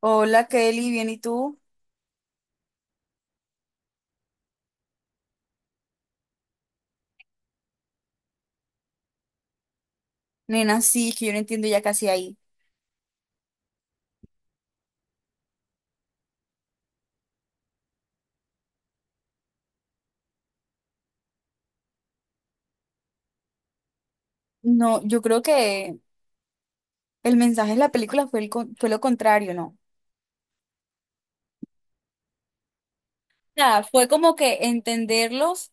Hola Kelly, bien, ¿y tú? Nena, sí, es que yo no entiendo ya casi ahí. No, yo creo que el mensaje de la película fue, fue lo contrario, ¿no? Nada, fue como que entenderlos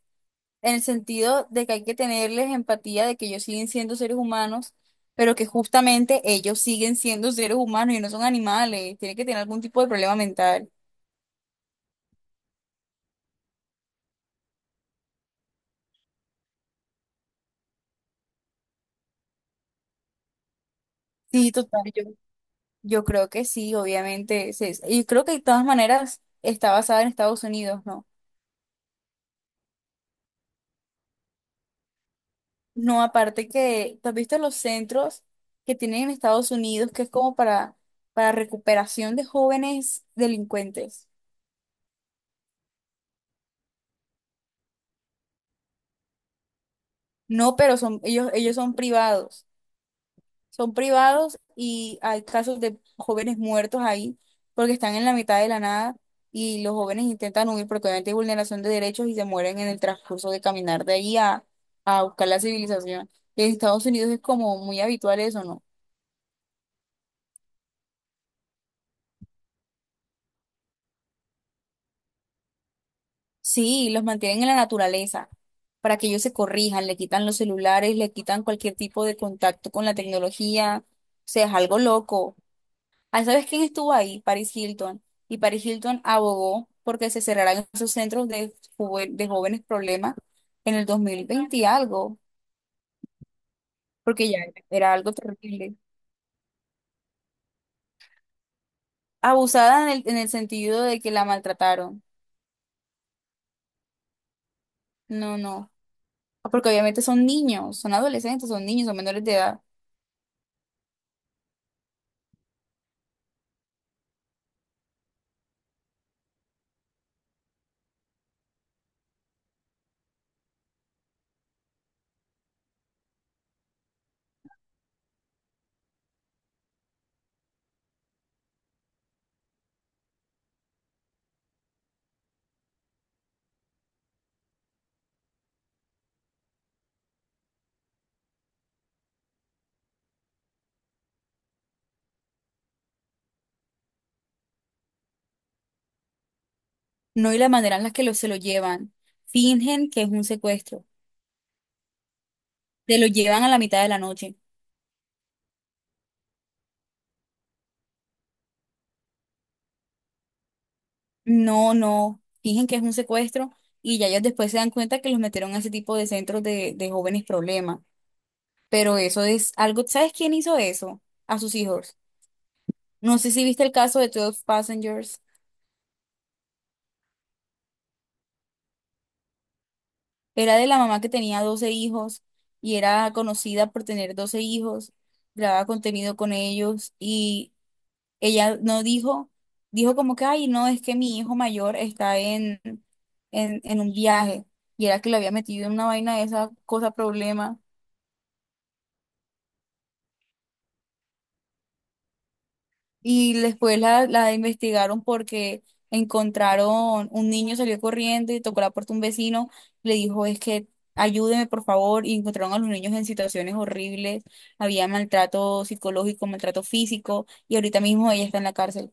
en el sentido de que hay que tenerles empatía de que ellos siguen siendo seres humanos, pero que justamente ellos siguen siendo seres humanos y no son animales, tienen que tener algún tipo de problema mental. Sí, total, yo creo que sí, obviamente. Y creo que de todas maneras está basada en Estados Unidos, ¿no? No, aparte que, ¿tú has visto los centros que tienen en Estados Unidos que es como para recuperación de jóvenes delincuentes? No, pero son, ellos son privados. Son privados y hay casos de jóvenes muertos ahí porque están en la mitad de la nada y los jóvenes intentan huir porque obviamente hay vulneración de derechos y se mueren en el transcurso de caminar de ahí a buscar la civilización. Y en Estados Unidos es como muy habitual eso, ¿no? Sí, los mantienen en la naturaleza para que ellos se corrijan, le quitan los celulares, le quitan cualquier tipo de contacto con la tecnología. O sea, es algo loco. Ah, ¿sabes quién estuvo ahí? Paris Hilton. Y Paris Hilton abogó porque se cerraran esos centros de, de jóvenes problemas en el 2020 y algo, porque ya era algo terrible. Abusada en el sentido de que la maltrataron. No, no. Porque obviamente son niños, son adolescentes, son niños, son menores de edad. No, y la manera en la que lo, se lo llevan. Fingen que es un secuestro. Se lo llevan a la mitad de la noche. No, no. Fingen que es un secuestro y ya ellos después se dan cuenta que los metieron a ese tipo de centros de jóvenes problemas. Pero eso es algo. ¿Sabes quién hizo eso? A sus hijos. No sé si viste el caso de 12 Passengers. Era de la mamá que tenía 12 hijos y era conocida por tener 12 hijos. Grababa contenido con ellos y ella no dijo, dijo como que, ay, no, es que mi hijo mayor está en un viaje y era que lo había metido en una vaina de esa cosa problema. Y después la investigaron porque encontraron, un niño salió corriendo y tocó la puerta un vecino, le dijo, es que ayúdeme por favor, y encontraron a los niños en situaciones horribles, había maltrato psicológico, maltrato físico, y ahorita mismo ella está en la cárcel.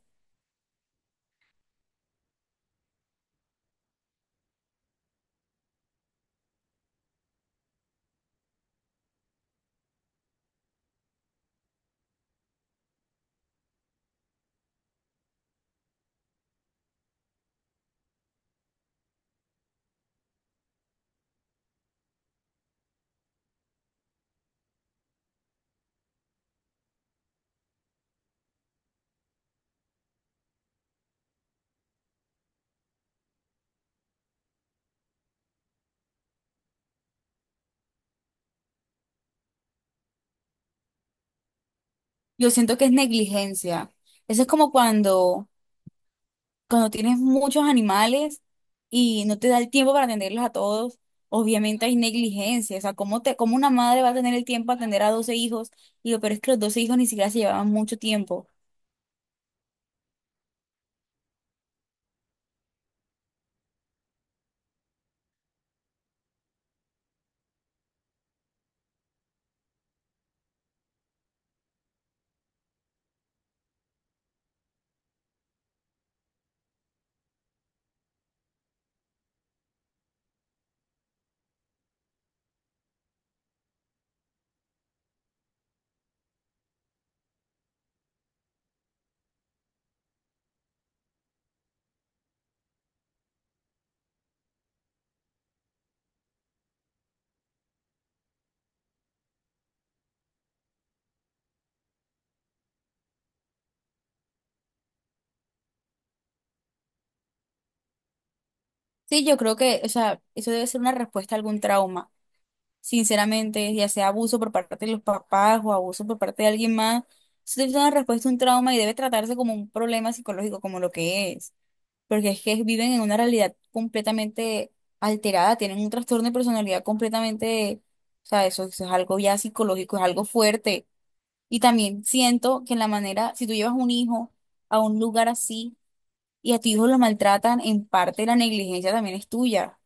Yo siento que es negligencia. Eso es como cuando tienes muchos animales y no te da el tiempo para atenderlos a todos, obviamente hay negligencia. O sea, ¿cómo te, cómo una madre va a tener el tiempo para atender a 12 hijos? Y lo peor es que los 12 hijos ni siquiera se llevaban mucho tiempo. Sí, yo creo que, o sea, eso debe ser una respuesta a algún trauma. Sinceramente, ya sea abuso por parte de los papás o abuso por parte de alguien más, eso es una respuesta a un trauma y debe tratarse como un problema psicológico, como lo que es, porque es que viven en una realidad completamente alterada, tienen un trastorno de personalidad completamente, o sea, eso es algo ya psicológico, es algo fuerte. Y también siento que en la manera, si tú llevas un hijo a un lugar así y a tu hijo lo maltratan, en parte la negligencia también es tuya.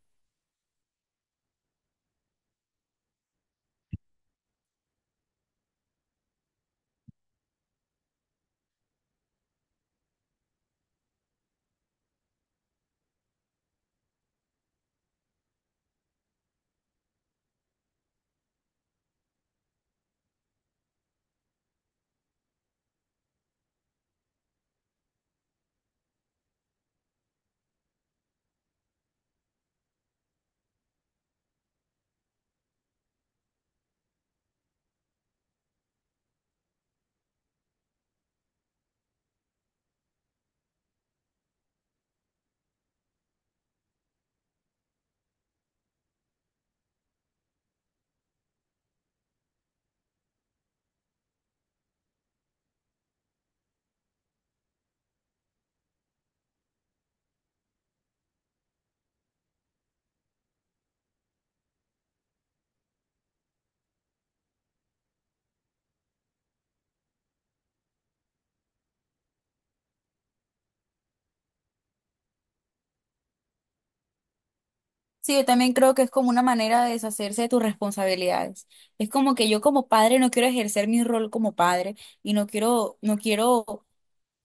Sí, yo también creo que es como una manera de deshacerse de tus responsabilidades. Es como que yo como padre no quiero ejercer mi rol como padre y no quiero, no quiero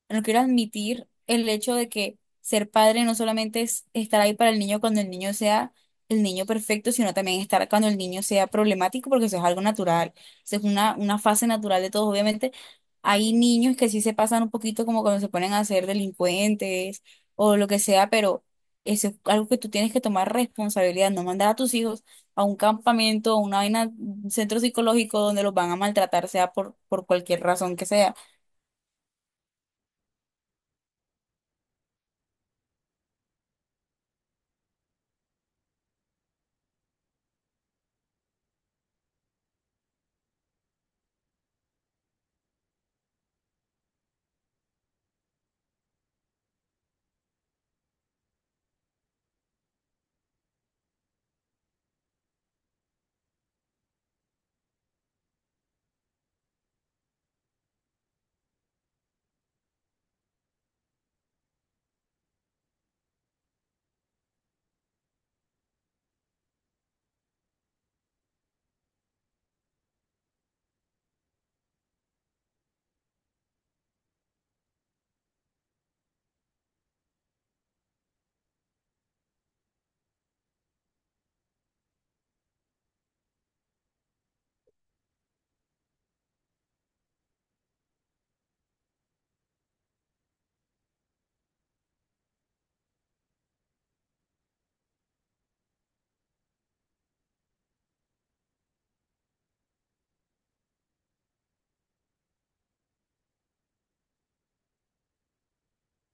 admitir el hecho de que ser padre no solamente es estar ahí para el niño cuando el niño sea el niño perfecto, sino también estar cuando el niño sea problemático, porque eso es algo natural, eso es una fase natural de todos. Obviamente, hay niños que sí se pasan un poquito como cuando se ponen a ser delincuentes o lo que sea, pero eso es algo que tú tienes que tomar responsabilidad, no mandar a tus hijos a un campamento, a una vaina, un centro psicológico donde los van a maltratar, sea por cualquier razón que sea.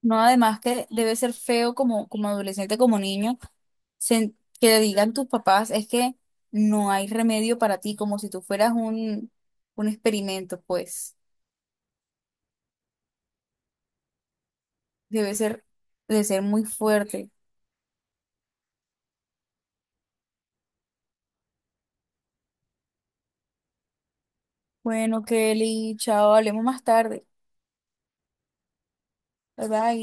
No, además que debe ser feo como, como adolescente, como niño, que le digan tus papás, es que no hay remedio para ti, como si tú fueras un experimento, pues. Debe ser, debe ser muy fuerte. Bueno, Kelly, chao, hablemos más tarde. Bye bye.